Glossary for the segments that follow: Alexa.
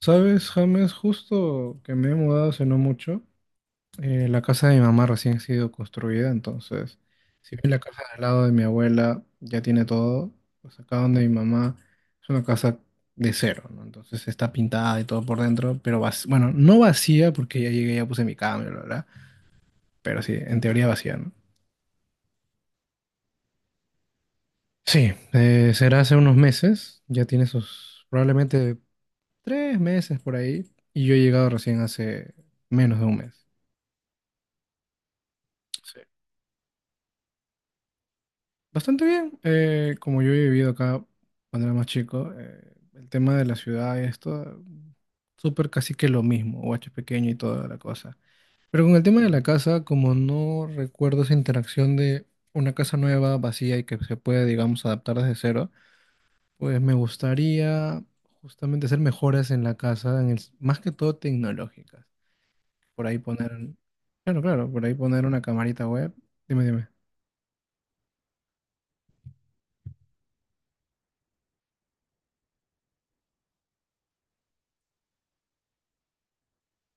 Sabes, James, justo que me he mudado hace no mucho, la casa de mi mamá recién ha sido construida, entonces, si bien la casa al lado de mi abuela ya tiene todo, pues acá donde mi mamá es una casa de cero, ¿no? Entonces está pintada y todo por dentro, pero bueno, no vacía porque ya llegué, ya puse mi cama, bla, bla, bla, pero sí, en teoría vacía, ¿no? Sí, Será hace unos meses, ya tiene sus probablemente 3 meses por ahí, y yo he llegado recién hace menos de un mes. Sí. Bastante bien. Como yo he vivido acá cuando era más chico, el tema de la ciudad y esto, súper casi que lo mismo, guacho pequeño y toda la cosa. Pero con el tema de la casa, como no recuerdo esa interacción de una casa nueva, vacía y que se puede, digamos, adaptar desde cero, pues me gustaría justamente hacer mejoras en la casa, en el, más que todo tecnológicas. Por ahí poner, claro, claro, por ahí poner una camarita web. Dime, dime.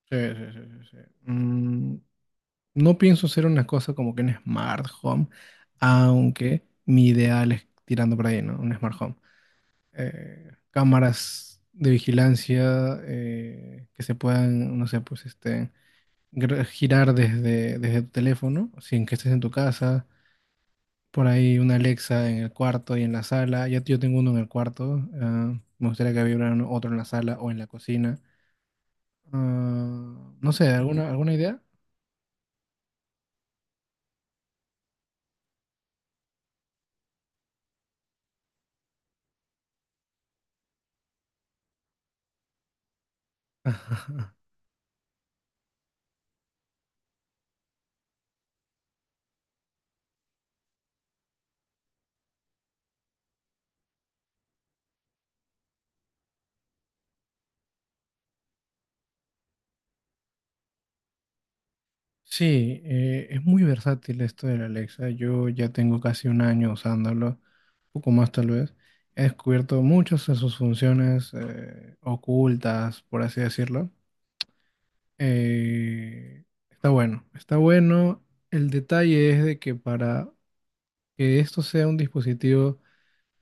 Sí, sí, sí, sí, sí. Mm, No pienso hacer una cosa como que un smart home, aunque mi ideal es tirando por ahí, ¿no? Un smart home. Cámaras de vigilancia que se puedan, no sé, pues este, girar desde tu teléfono, sin que estés en tu casa. Por ahí una Alexa en el cuarto y en la sala. Ya yo tengo uno en el cuarto. Me gustaría que hubiera otro en la sala o en la cocina. Ah, no sé, ¿alguna, alguna idea? Sí, es muy versátil esto de la Alexa. Yo ya tengo casi un año usándolo, un poco más tal vez. He descubierto muchas de sus funciones ocultas, por así decirlo. Está bueno, está bueno. El detalle es de que para que esto sea un dispositivo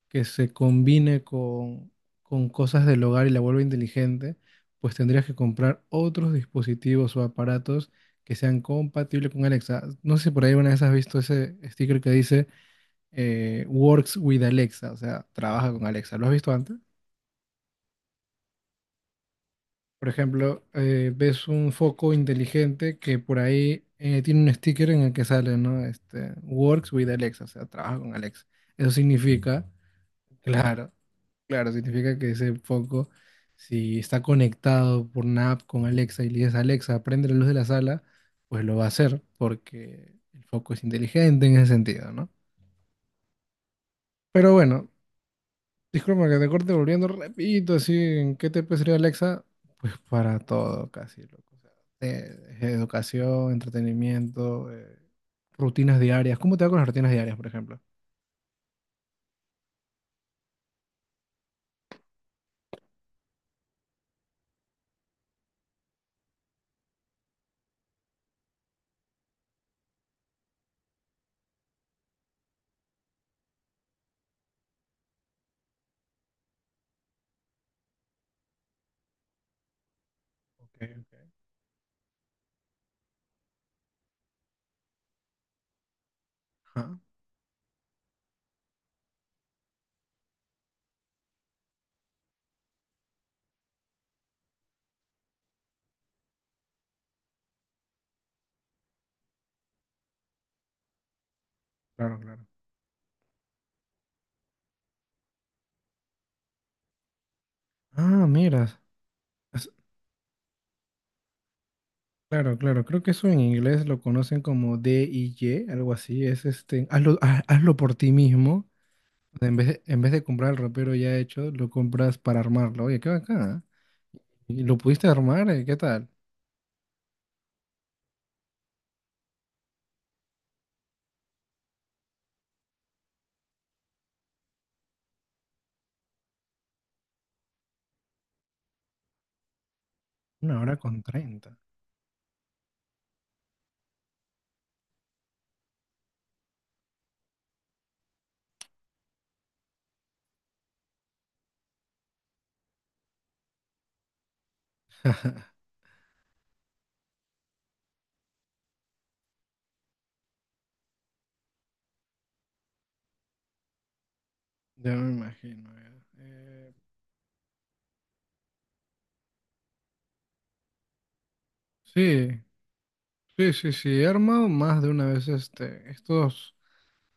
que se combine con cosas del hogar y la vuelva inteligente, pues tendrías que comprar otros dispositivos o aparatos que sean compatibles con Alexa. No sé si por ahí una vez has visto ese sticker que dice Works with Alexa, o sea, trabaja con Alexa. ¿Lo has visto antes? Por ejemplo, ves un foco inteligente que por ahí tiene un sticker en el que sale, ¿no? Este, Works with Alexa, o sea, trabaja con Alexa. Eso significa, claro, claro, significa que ese foco, si está conectado por una app con Alexa y le dices, Alexa, prende la luz de la sala, pues lo va a hacer porque el foco es inteligente en ese sentido, ¿no? Pero bueno, disculpa que te corte volviendo repito, así, ¿en qué te puede servir Alexa? Pues para todo, casi, loco. O sea, educación, entretenimiento, rutinas diarias. ¿Cómo te va con las rutinas diarias, por ejemplo? Ok, ok. Ah, claro, claro. Ah, mira. Claro, claro, creo que eso en inglés lo conocen como DIY, algo así, es este, hazlo, hazlo por ti mismo. O sea, en vez de comprar el ropero ya hecho, lo compras para armarlo, oye, qué bacán, ¿ah? ¿Y lo pudiste armar? ¿Qué tal? 1 hora con 30, ya me imagino, ya. Eh, sí, sí, sí, sí, he armado más de una vez este, estos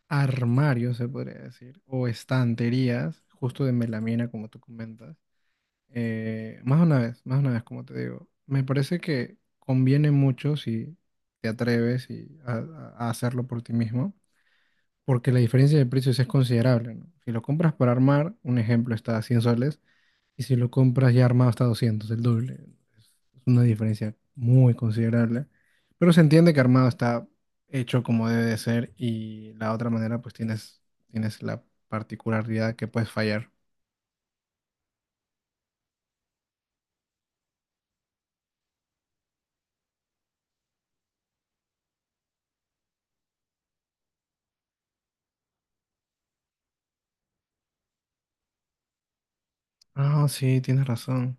armarios, se podría decir, o estanterías, justo de melamina, como tú comentas. Más una vez, más una vez, como te digo. Me parece que conviene mucho si te atreves y a hacerlo por ti mismo, porque la diferencia de precios es considerable, ¿no? Si lo compras para armar, un ejemplo está a 100 soles, y si lo compras ya armado está a 200, el doble. Es una diferencia muy considerable, pero se entiende que armado está hecho como debe de ser y la otra manera pues tienes, tienes la particularidad que puedes fallar. Ah, sí, tienes razón.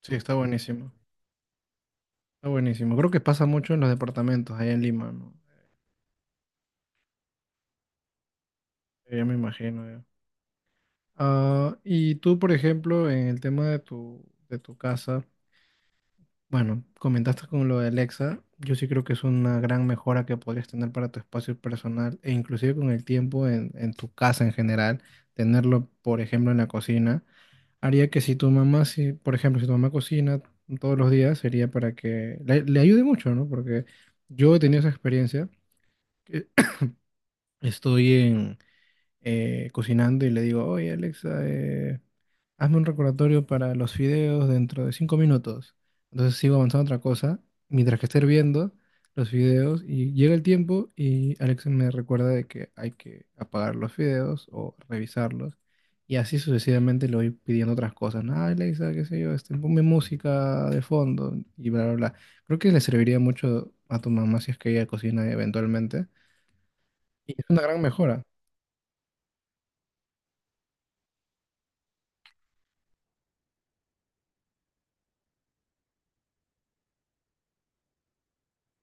Sí, está buenísimo. Está buenísimo. Creo que pasa mucho en los departamentos allá en Lima, ¿no? Ya me imagino, ya. Ah, y tú, por ejemplo, en el tema de tu casa, bueno, comentaste con lo de Alexa, yo sí creo que es una gran mejora que podrías tener para tu espacio personal e inclusive con el tiempo en tu casa en general, tenerlo, por ejemplo, en la cocina, haría que si tu mamá, si, por ejemplo, si tu mamá cocina todos los días, sería para que le ayude mucho, ¿no? Porque yo he tenido esa experiencia. Que estoy cocinando y le digo, oye Alexa, hazme un recordatorio para los fideos dentro de 5 minutos. Entonces sigo avanzando a otra cosa mientras que esté hirviendo los fideos y llega el tiempo y Alexa me recuerda de que hay que apagar los fideos o revisarlos. Y así sucesivamente le voy pidiendo otras cosas, ¿no? "Ah, Alexa, qué sé yo, este, ponme música de fondo y bla, bla, bla". Creo que le serviría mucho a tu mamá si es que ella cocina eventualmente. Y es una gran mejora.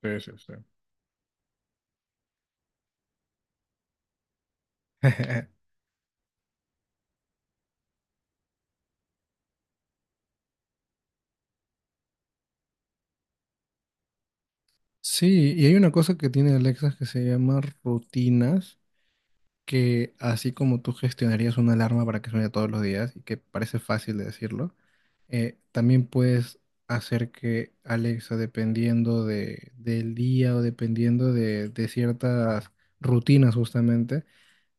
Sí, sí, sí. Sí, y hay una cosa que tiene Alexa que se llama rutinas, que así como tú gestionarías una alarma para que suene todos los días, y que parece fácil de decirlo, también puedes hacer que Alexa, dependiendo del día o dependiendo de ciertas rutinas justamente,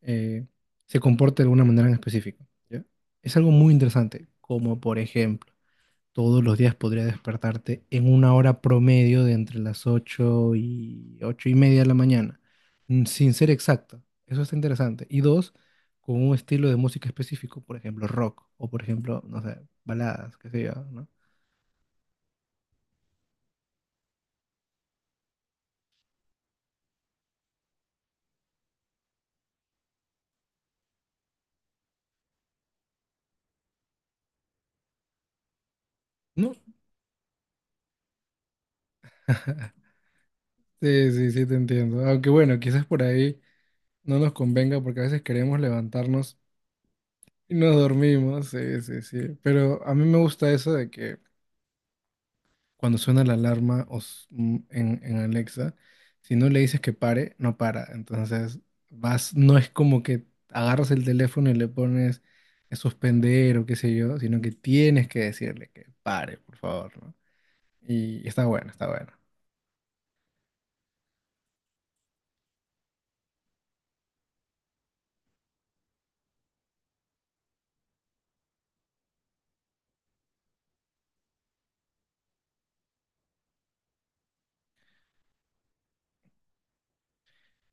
eh, se comporte de alguna manera en específico, ¿ya? Es algo muy interesante, como por ejemplo, todos los días podría despertarte en una hora promedio de entre las 8 y 8:30 de la mañana, sin ser exacto. Eso está interesante. Y dos, con un estilo de música específico, por ejemplo, rock o por ejemplo, no sé, baladas, qué sé yo, ¿no? No, sí, sí, sí, te entiendo. Aunque bueno, quizás por ahí no nos convenga porque a veces queremos levantarnos y nos dormimos. Sí, sí, sí. Pero a mí me gusta eso de que cuando suena la alarma en, Alexa, si no le dices que pare, no para. Entonces, vas, no es como que agarras el teléfono y le pones a suspender o qué sé yo, sino que tienes que decirle que pare, por favor, ¿no? Y está bueno, está bueno.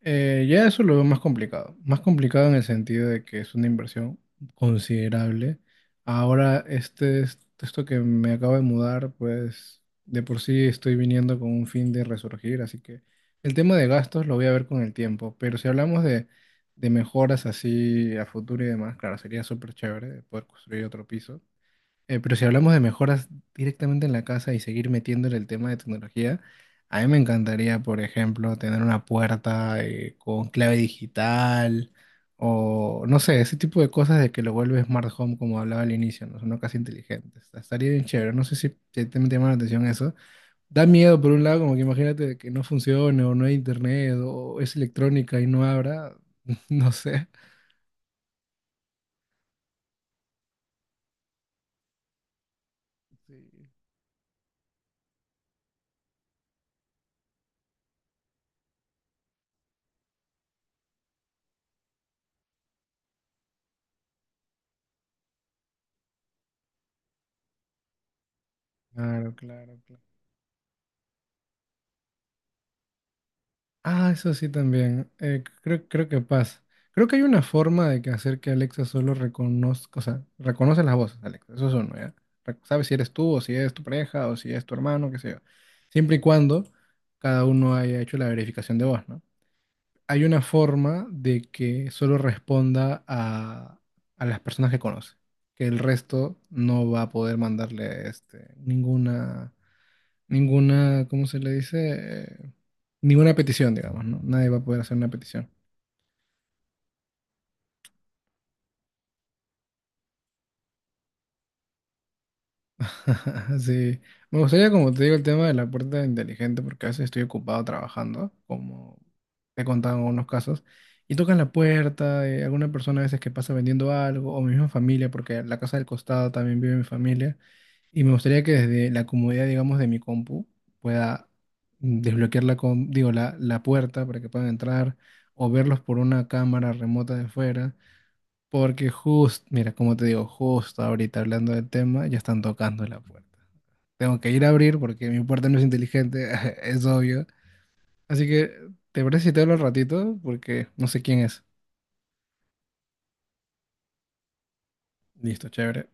Ya eso lo veo más complicado. Más complicado en el sentido de que es una inversión considerable. Ahora, este, esto que me acabo de mudar, pues de por sí estoy viniendo con un fin de resurgir, así que el tema de gastos lo voy a ver con el tiempo. Pero si hablamos de mejoras así a futuro y demás, claro, sería súper chévere poder construir otro piso. Pero si hablamos de mejoras directamente en la casa y seguir metiéndole el tema de tecnología, a mí me encantaría, por ejemplo, tener una puerta con clave digital o no sé, ese tipo de cosas de que lo vuelve Smart Home, como hablaba al inicio, ¿no? Son una casa inteligente. Estaría bien chévere. No sé si te, te llama la atención eso. Da miedo, por un lado, como que imagínate que no funcione o no hay internet o es electrónica y no habrá. No sé. Sí. Claro, claro, claro. Ah, eso sí también. Creo que pasa. Creo que hay una forma de que hacer que Alexa solo reconozca, o sea, reconoce las voces, Alexa. Eso es uno, ¿ya? Sabe si eres tú, o si es tu pareja, o si es tu hermano, qué sé yo. Siempre y cuando cada uno haya hecho la verificación de voz, ¿no? Hay una forma de que solo responda a las personas que conoce, que el resto no va a poder mandarle este, ninguna, ¿cómo se le dice? Ninguna petición, digamos, ¿no? Nadie va a poder hacer una petición. Sí. Me gustaría, como te digo, el tema de la puerta inteligente, porque a veces estoy ocupado trabajando, como te he contado en algunos casos, y tocan la puerta, alguna persona a veces que pasa vendiendo algo, o mi misma familia, porque en la casa del costado también vive mi familia. Y me gustaría que desde la comodidad, digamos, de mi compu pueda, desbloquear la, digo, la puerta para que puedan entrar o verlos por una cámara remota de fuera. Porque justo, mira, como te digo, justo ahorita hablando del tema, ya están tocando la puerta. Tengo que ir a abrir porque mi puerta no es inteligente, es obvio. Así que, ¿te parece si te hablo al ratito? Porque no sé quién es. Listo, chévere.